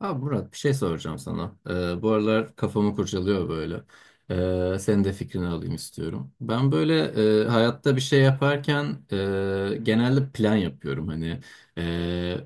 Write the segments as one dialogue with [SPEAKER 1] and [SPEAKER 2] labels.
[SPEAKER 1] Abi Murat bir şey soracağım sana. Bu aralar kafamı kurcalıyor böyle. Senin de fikrini alayım istiyorum. Ben böyle hayatta bir şey yaparken genelde plan yapıyorum hani E,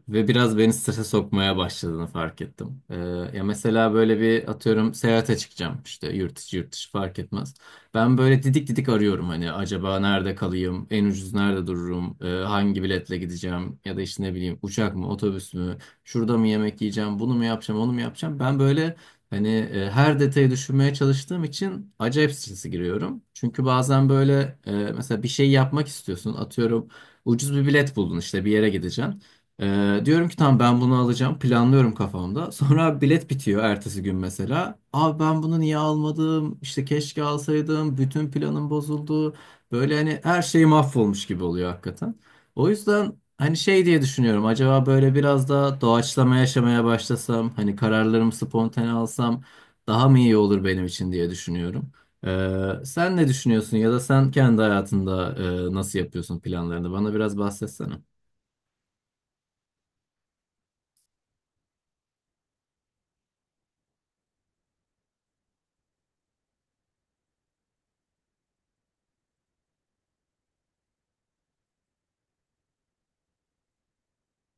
[SPEAKER 1] ve biraz beni strese sokmaya başladığını fark ettim. Ya mesela böyle bir atıyorum seyahate çıkacağım işte yurt içi yurt dışı fark etmez. Ben böyle didik didik arıyorum hani acaba nerede kalayım, en ucuz nerede dururum, hangi biletle gideceğim ya da işte ne bileyim uçak mı otobüs mü? Şurada mı yemek yiyeceğim, bunu mu yapacağım, onu mu yapacağım? Ben böyle hani her detayı düşünmeye çalıştığım için acayip strese giriyorum. Çünkü bazen böyle mesela bir şey yapmak istiyorsun. Atıyorum ucuz bir bilet buldun işte bir yere gideceksin. Diyorum ki tamam ben bunu alacağım. Planlıyorum kafamda. Sonra bilet bitiyor ertesi gün mesela. Abi ben bunu niye almadım? İşte keşke alsaydım. Bütün planım bozuldu. Böyle hani her şey mahvolmuş gibi oluyor hakikaten. O yüzden hani şey diye düşünüyorum. Acaba böyle biraz da doğaçlama yaşamaya başlasam, hani kararlarımı spontane alsam daha mı iyi olur benim için diye düşünüyorum. Sen ne düşünüyorsun ya da sen kendi hayatında nasıl yapıyorsun planlarını? Bana biraz bahsetsene.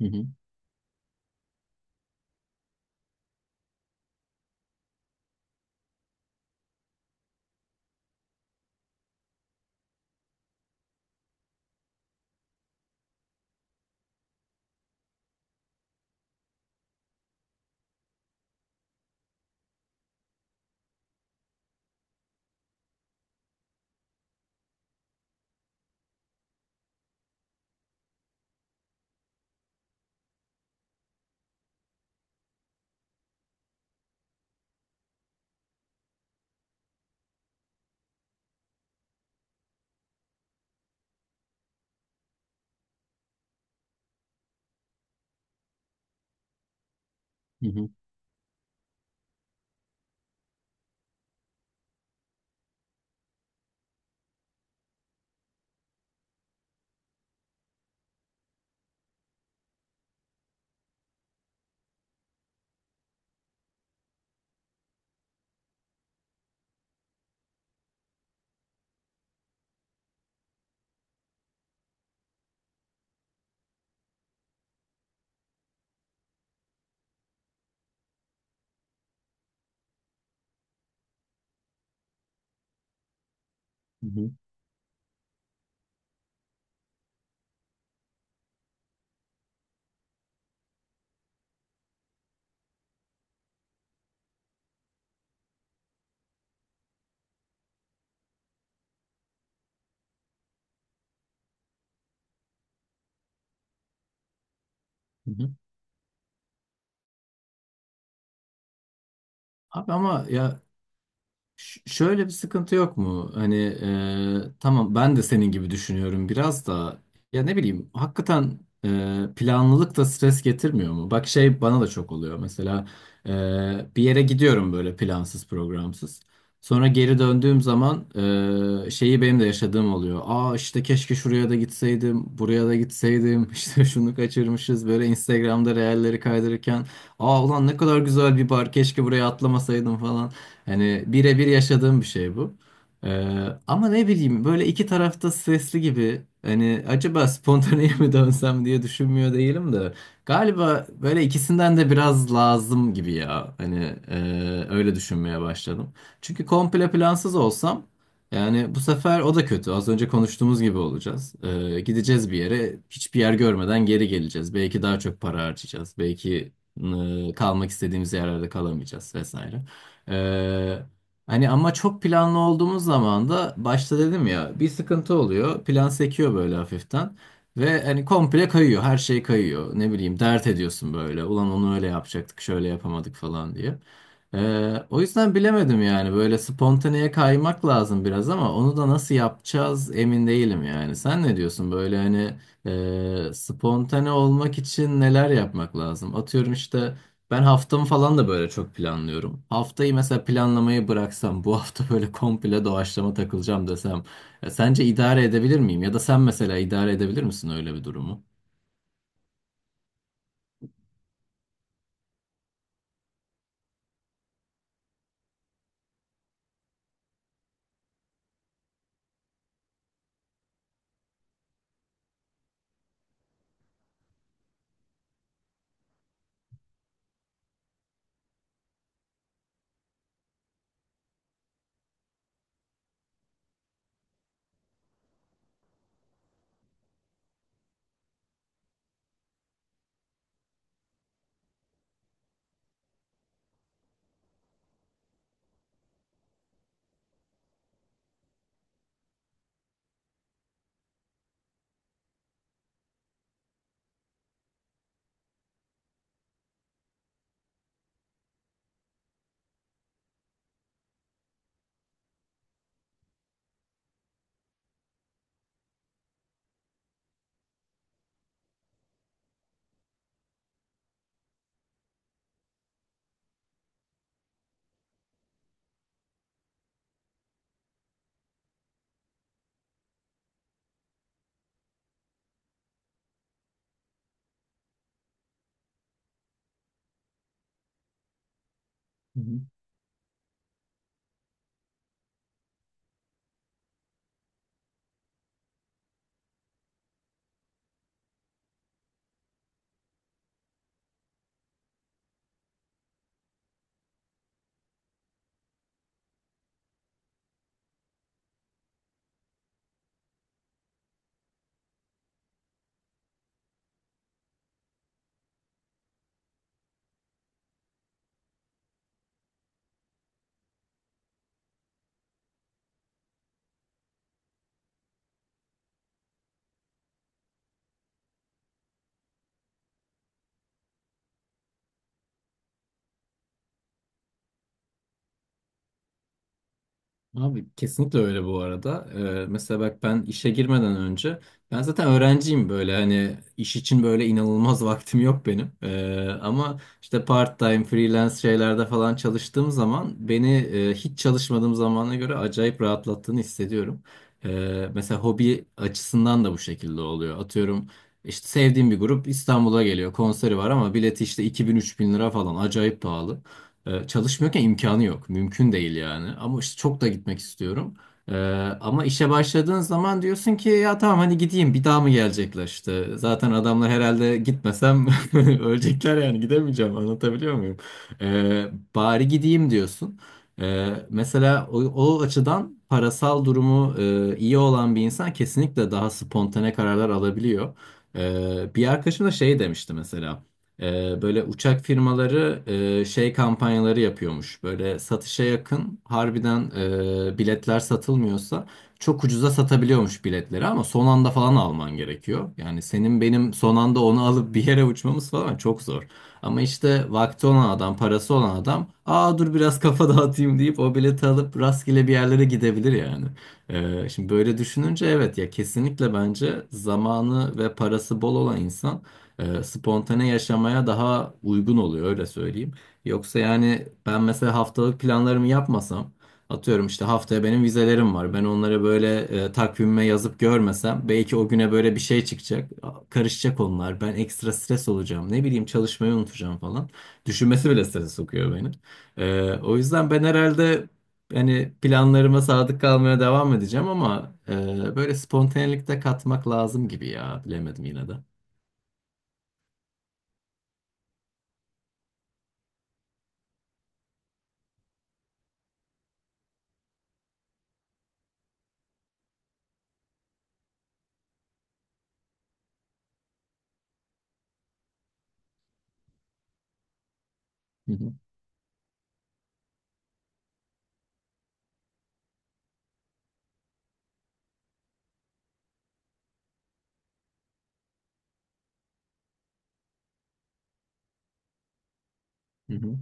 [SPEAKER 1] Hı hı. Hı hı. Hı hı. Hı hı. Abi ama ya Şöyle bir sıkıntı yok mu? Hani tamam ben de senin gibi düşünüyorum biraz da ya ne bileyim hakikaten planlılık da stres getirmiyor mu? Bak şey bana da çok oluyor mesela e, bir yere gidiyorum böyle plansız programsız. Sonra geri döndüğüm zaman şeyi benim de yaşadığım oluyor. Aa işte keşke şuraya da gitseydim, buraya da gitseydim. İşte şunu kaçırmışız böyle Instagram'da reelleri kaydırırken. Aa ulan ne kadar güzel bir bar keşke buraya atlamasaydım falan. Hani birebir yaşadığım bir şey bu. Ama ne bileyim böyle iki tarafta stresli gibi hani acaba spontaneye mi dönsem diye düşünmüyor değilim de galiba böyle ikisinden de biraz lazım gibi ya hani e, öyle düşünmeye başladım. Çünkü komple plansız olsam yani bu sefer o da kötü az önce konuştuğumuz gibi olacağız. Gideceğiz bir yere hiçbir yer görmeden geri geleceğiz belki daha çok para harcayacağız belki kalmak istediğimiz yerlerde kalamayacağız vesaire. Ee, Hani ama çok planlı olduğumuz zaman da başta dedim ya bir sıkıntı oluyor. Plan sekiyor böyle hafiften. Ve hani komple kayıyor. Her şey kayıyor. Ne bileyim dert ediyorsun böyle. Ulan onu öyle yapacaktık, şöyle yapamadık falan diye. O yüzden bilemedim yani. Böyle spontaneye kaymak lazım biraz ama onu da nasıl yapacağız emin değilim yani. Sen ne diyorsun? Böyle hani spontane olmak için neler yapmak lazım? Atıyorum işte ben haftamı falan da böyle çok planlıyorum. Haftayı mesela planlamayı bıraksam, bu hafta böyle komple doğaçlama takılacağım desem, sence idare edebilir miyim? Ya da sen mesela idare edebilir misin öyle bir durumu? Abi kesinlikle öyle bu arada. Mesela bak ben işe girmeden önce ben zaten öğrenciyim böyle hani iş için böyle inanılmaz vaktim yok benim. Ama işte part-time freelance şeylerde falan çalıştığım zaman beni hiç çalışmadığım zamana göre acayip rahatlattığını hissediyorum. Mesela hobi açısından da bu şekilde oluyor. Atıyorum işte sevdiğim bir grup İstanbul'a geliyor konseri var ama bileti işte 2000-3000 lira falan acayip pahalı. Çalışmıyorken imkanı yok. Mümkün değil yani. Ama işte çok da gitmek istiyorum. Ee, Ama işe başladığın zaman diyorsun ki ya tamam hani gideyim bir daha mı gelecekler işte. Zaten adamlar herhalde gitmesem ölecekler yani gidemeyeceğim anlatabiliyor muyum? Ee, Bari gideyim diyorsun. Mesela o açıdan parasal durumu iyi olan bir insan kesinlikle daha spontane kararlar alabiliyor. Bir arkadaşım da şey demişti mesela. Böyle uçak firmaları şey kampanyaları yapıyormuş. Böyle satışa yakın harbiden biletler satılmıyorsa çok ucuza satabiliyormuş biletleri ama son anda falan alman gerekiyor. Yani senin benim son anda onu alıp bir yere uçmamız falan çok zor. Ama işte vakti olan adam, parası olan adam aa dur biraz kafa dağıtayım deyip o bileti alıp rastgele bir yerlere gidebilir yani. Şimdi böyle düşününce evet ya kesinlikle bence zamanı ve parası bol olan insan spontane yaşamaya daha uygun oluyor öyle söyleyeyim. Yoksa yani ben mesela haftalık planlarımı yapmasam atıyorum işte haftaya benim vizelerim var. Ben onları böyle takvimime yazıp görmesem belki o güne böyle bir şey çıkacak. Karışacak onlar. Ben ekstra stres olacağım. Ne bileyim çalışmayı unutacağım falan. Düşünmesi bile strese sokuyor beni. O yüzden ben herhalde yani planlarıma sadık kalmaya devam edeceğim ama böyle spontanelikte katmak lazım gibi ya. Bilemedim yine de. Hı hı. Hı hı.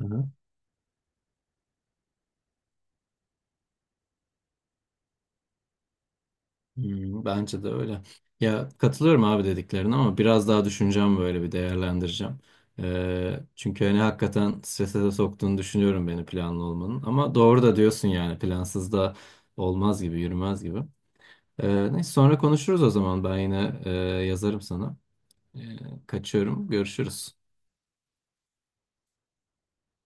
[SPEAKER 1] Hı hı. Hmm, bence de öyle. Ya katılıyorum abi dediklerine ama biraz daha düşüneceğim böyle bir değerlendireceğim. Çünkü hani hakikaten strese de soktuğunu düşünüyorum beni planlı olmanın. Ama doğru da diyorsun yani plansız da olmaz gibi yürümez gibi. Neyse sonra konuşuruz o zaman ben yine yazarım sana. Ee, Kaçıyorum görüşürüz.